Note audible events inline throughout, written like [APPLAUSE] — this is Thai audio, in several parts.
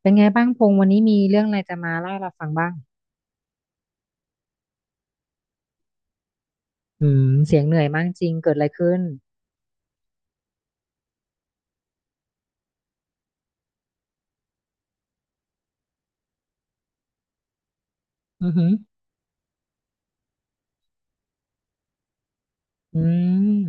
เป็นไงบ้างพงษ์วันนี้มีเรื่องอะไรจะมาเล่าให้เราฟังบ้างอืมเสียงเหนื่อยมากจริงเกิดอะไรขึ้นอือหืออืม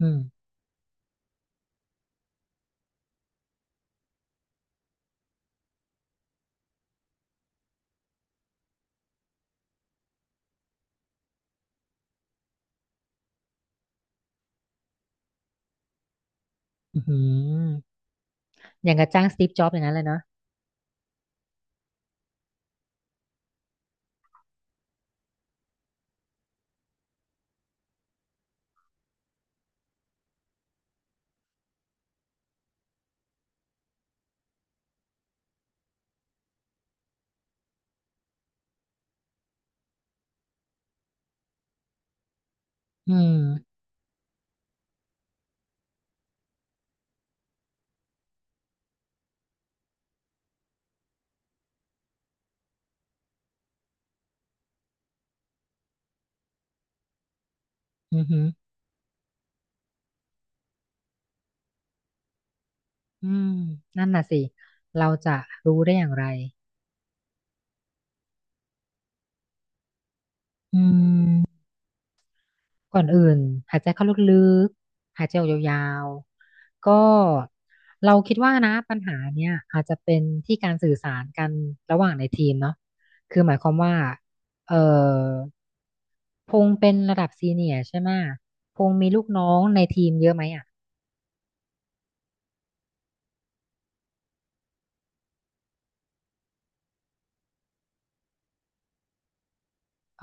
อืมอือหืออย่างกับจ้างสตีฟจ็อบส์อย่างนั้นเลยเนาะอืมอือหืออืมนั่นน่ะสิเราจะรู้ได้อย่างไรอืมก่อนอื่นหายใจเข้าลึกๆหายใจออกยาวๆก็เราคิดว่านะปัญหาเนี่ยอาจจะเป็นที่การสื่อสารกันระหว่างในทีมเนาะคือหมายความว่าเอ่อ พงษ์เป็นระดับซีเนียร์ใช่ไหมะพงษ์มีลูกน้องในทีมเยอะไหมอ่ะ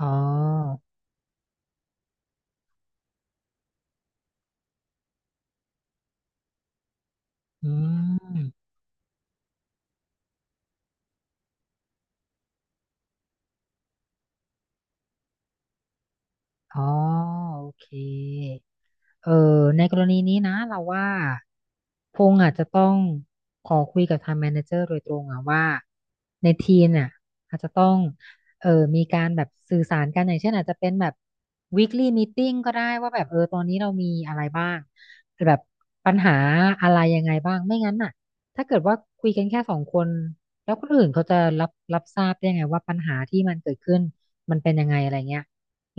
อ๋ออืม อ๋อโอเคเออในกรณีนี้นะเราว่าพงษ์อาจจะต้องขอคุยกับทางแมเนเจอร์โดยตรงอะว่าในทีมเนี่ยอาจจะต้องเออมีการแบบสื่อสารกันอย่างเช่นอาจจะเป็นแบบ weekly meeting ก็ได้ว่าแบบเออตอนนี้เรามีอะไรบ้างแบบปัญหาอะไรยังไงบ้างไม่งั้นน่ะถ้าเกิดว่าคุยกันแค่สองคนแล้วคนอื่นเขาจะรับทราบได้ยังไงว่าปัญหาที่มันเกิดขึ้นมันเป็นยังไงอะไรเงี้ย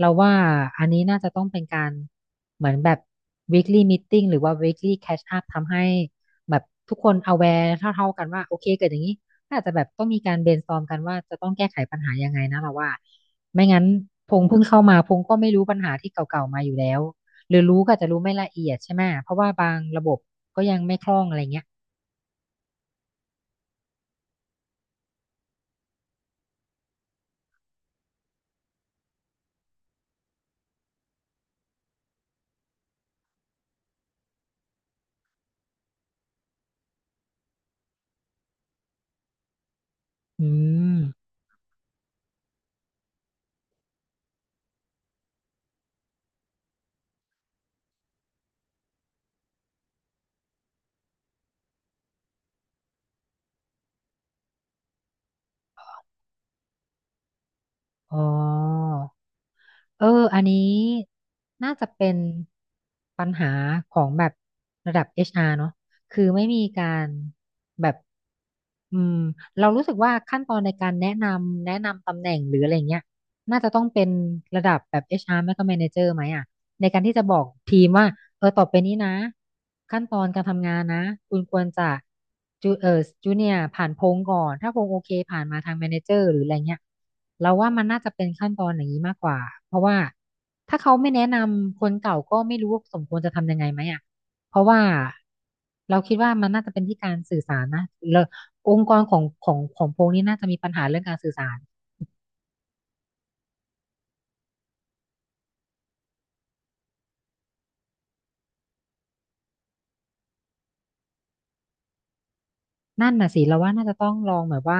เราว่าอันนี้น่าจะต้องเป็นการเหมือนแบบ weekly meeting หรือว่า weekly catch up ทำให้แบบทุกคน aware เท่ากันว่าโอเคเกิดอย่างนี้ก็อาจจะแบบต้องมีการ brainstorm กันว่าจะต้องแก้ไขปัญหายังไงนะเราว่าไม่งั้นพงเพิ่งเข้ามาพงก็ไม่รู้ปัญหาที่เก่าๆมาอยู่แล้วหรือรู้ก็อาจจะรู้ไม่ละเอียดใช่ไหม เพราะว่าบางระบบก็ยังไม่คล่องอะไรเงี้ยอืมอ๋อ เอออันนี้น่าจะเป็นปัญหาของแบบระดับ HR เนอะคือไม่มีการแบบอืมเรารู้สึกว่าขั้นตอนในการแนะนำตำแหน่งหรืออะไรเงี้ยน่าจะต้องเป็นระดับแบบ HR ไม่ก็ Manager ไหมอ่ะ ในการที่จะบอกทีมว่าเออต่อไปนี้นะขั้นตอนการทำงานนะคุณควรจะจูเนียผ่านโพงก่อนถ้าโพงโอเคผ่านมาทางแมเนเจอร์หรืออะไรเงี้ยเราว่ามันน่าจะเป็นขั้นตอนอย่างนี้มากกว่าเพราะว่าถ้าเขาไม่แนะนำคนเก่าก็ไม่รู้ว่าสมควรจะทำยังไงไหมอ่ะเพราะว่าเราคิดว่ามันน่าจะเป็นที่การสื่อสารนะแล้วองค์กรของพงนี้น่าจะมีปัญหาเรื่องการสื่อสาร นั่นน่ะสิเราว่าน่าจะต้องลองแบบว่า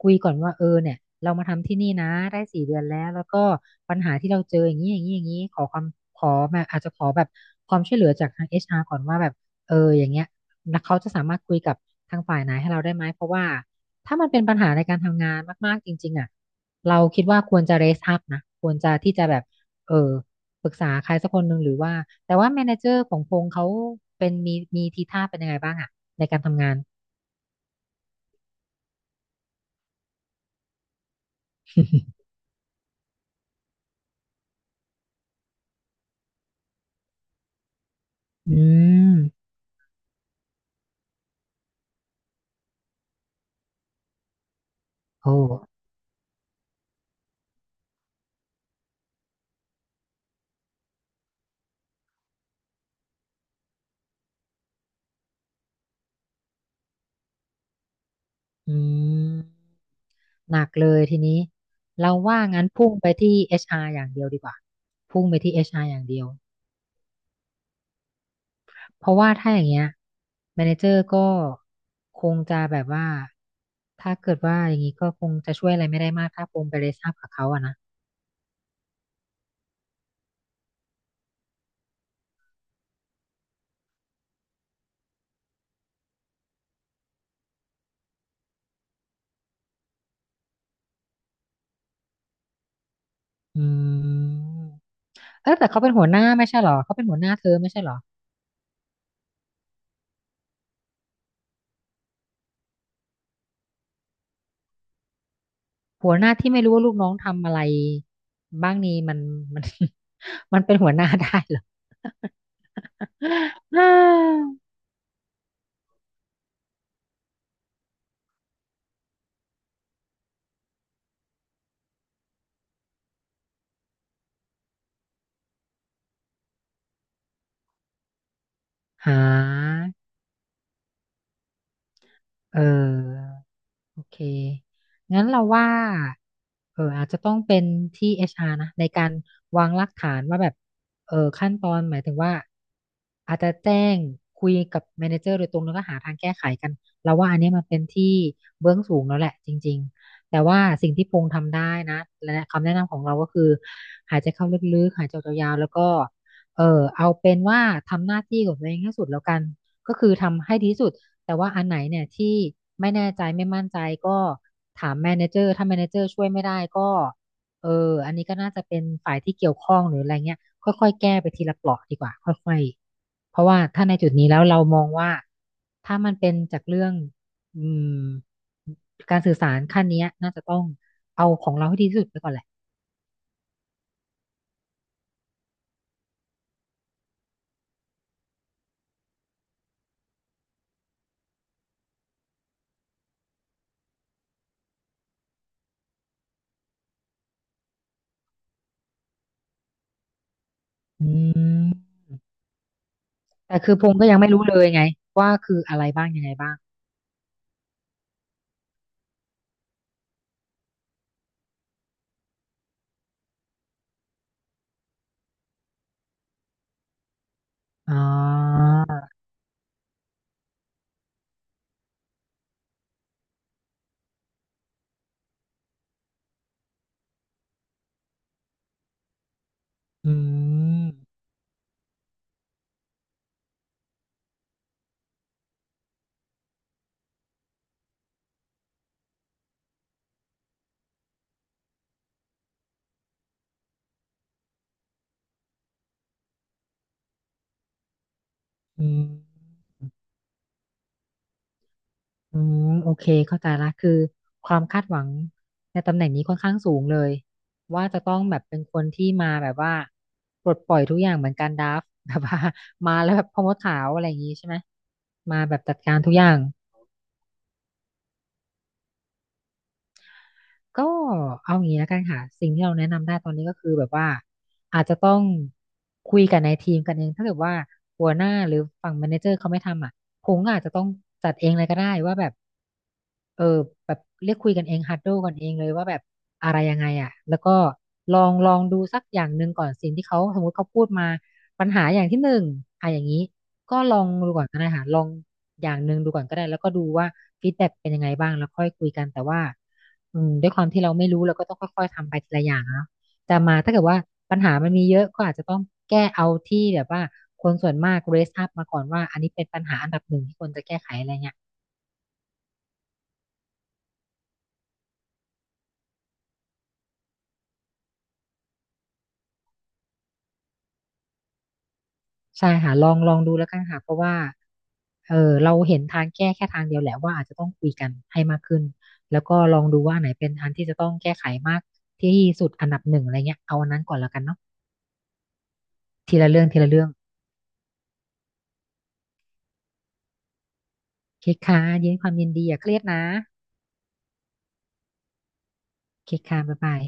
คุยก่อนว่าเออเนี่ยเรามาทำที่นี่นะได้4 เดือนแล้วแล้วก็ปัญหาที่เราเจออย่างนี้อย่างนี้อย่างนี้ขอความขอแบบอาจจะขอแบบความช่วยเหลือจากทาง HR ก่อนว่าแบบเอออย่างเงี้ยแล้วเขาจะสามารถคุยกับทางฝ่ายไหนให้เราได้ไหมเพราะว่าถ้ามันเป็นปัญหาในการทำงานมากๆจริงๆอ่ะเราคิดว่าควรจะ raise up นะควรจะที่จะแบบเออปรึกษาใครสักคนหนึ่งหรือว่าแต่ว่า manager ของพงษ์เขาเป็นมีทีท่าเป็นยังไงบ้างอ่ะในการทำงาน [LAUGHS] อืมโอ้อืมหนักเลยทีนี้เราว่างั้นพุ่งไปที่เอชอาร์อย่างเดียวดีกว่าพุ่งไปที่เอชอาร์อย่างเดียวเพราะว่าถ้าอย่างเงี้ยแมเนเจอร์ก็คงจะแบบว่าถ้าเกิดว่าอย่างนี้ก็คงจะช่วยอะไรไม่ได้มากถ้าปมไปเลยทราบกับเขาอะนะอืมเออแต่เขาเป็นหัวหน้าไม่ใช่เหรอเขาเป็นหัวหน้าเธอไม่ใช่เหรอหัวหน้าที่ไม่รู้ว่าลูกน้องทำอะไรบ้างนี้มัน [LAUGHS] มัน [LAUGHS] มันเป็นหัวหน้าได้เหรอ [GASPS] ฮ่าหาเออ โอเค งั้นเราว่าเอออาจจะต้องเป็นที่ HR นะในการวางรากฐานว่าแบบเออขั้นตอนหมายถึงว่าอาจจะแจ้งคุยกับแมเนเจอร์โดยตรงแล้วก็หาทางแก้ไขกันเราว่าอันเนี้ยมันเป็นที่เบื้องสูงแล้วแหละจริงๆ แต่ว่าสิ่งที่พงทำได้นะและคำแนะนำของเราก็คือ หายใจเข้าลึกๆหายใจออกยาวๆแล้วก็เออเอาเป็นว่าทำหน้าที่ของตัวเองให้สุดแล้วกันก็คือทำให้ดีที่สุด แต่ว่าอันไหนเนี่ยที่ไม่แน่ใจไม่มั่นใจก็ถามแมเนเจอร์ถ้าแมเนเจอร์ช่วยไม่ได้ก็เอออันนี้ก็น่าจะเป็นฝ่ายที่เกี่ยวข้องหรืออะไรเงี้ยค่อยๆแก้ไปทีละเปราะดีกว่าค่อยๆเพราะว่าถ้าในจุดนี้แล้วเรามองว่าถ้ามันเป็นจากเรื่องอืมการสื่อสารขั้นเนี้ยน่าจะต้องเอาของเราให้ดีที่สุดไปก่อนแหละอืมแต่คือพงษ์ก็ยังไม่รู้เลยไงว่าคืออะไรบ้างยังไงบ้างอ๋ออืมอืม อืมโอเคเข้าใจละคือความคาดหวังในตำแหน่งนี้ค่อนข้างสูงเลยว่าจะต้องแบบเป็นคนที่มาแบบว่าปลดปล่อยทุกอย่างเหมือนการดราฟต์ [LAUGHS] แบบว่ามาแล้วแบบพ่อมดขาวอะไรอย่างงี้ใช่ไหมมาแบบจัดการทุกอย่าง ก็เอางี้แล้วกันค่ะสิ่งที่เราแนะนำได้ตอนนี้ก็คือแบบว่าอาจจะต้องคุยกันในทีมกันเองถ้าเกิดว่าหัวหน้าหรือฝั่งแมเนเจอร์เขาไม่ทำอ่ะผมก็อาจจะต้องจัดเองเลยก็ได้ว่าแบบเออแบบเรียกคุยกันเองฮัดโดกันเองเลยว่าแบบอะไรยังไงอ่ะแล้วก็ลองดูสักอย่างหนึ่งก่อนสิ่งที่เขาสมมติเขาพูดมาปัญหาอย่างที่หนึ่งอะอย่างนี้ก็ลองดูก่อนก็ได้ค่ะลองอย่างหนึ่งดูก่อนก็ได้แล้วก็ดูว่าฟีดแบ็กเป็นยังไงบ้างแล้วค่อยคุยกันแต่ว่า อืมด้วยความที่เราไม่รู้เราก็ต้องค่อยๆทำไปทีละอย่างอะเนาะแต่มาถ้าเกิดว่าปัญหามันมีเยอะก็อาจจะต้องแก้เอาที่แบบว่าคนส่วนมาก raise up มาก่อนว่าอันนี้เป็นปัญหาอันดับหนึ่งที่ควรจะแก้ไขอะไรเงี้ยใช่ค่ะลองดูแล้วกันค่ะเพราะว่าเออเราเห็นทางแก้แค่ทางเดียวแหละว่าอาจจะต้องคุยกันให้มากขึ้นแล้วก็ลองดูว่าอันไหนเป็นอันที่จะต้องแก้ไขมากที่สุดอันดับหนึ่งอะไรเงี้ยเอาอันนั้นก่อนแล้วกันเนาะทีละเรื่องทีละเรื่องคิดค่ะยินดีความยินดีอย่าเครียดนะคิดค่ะบ๊ายบาย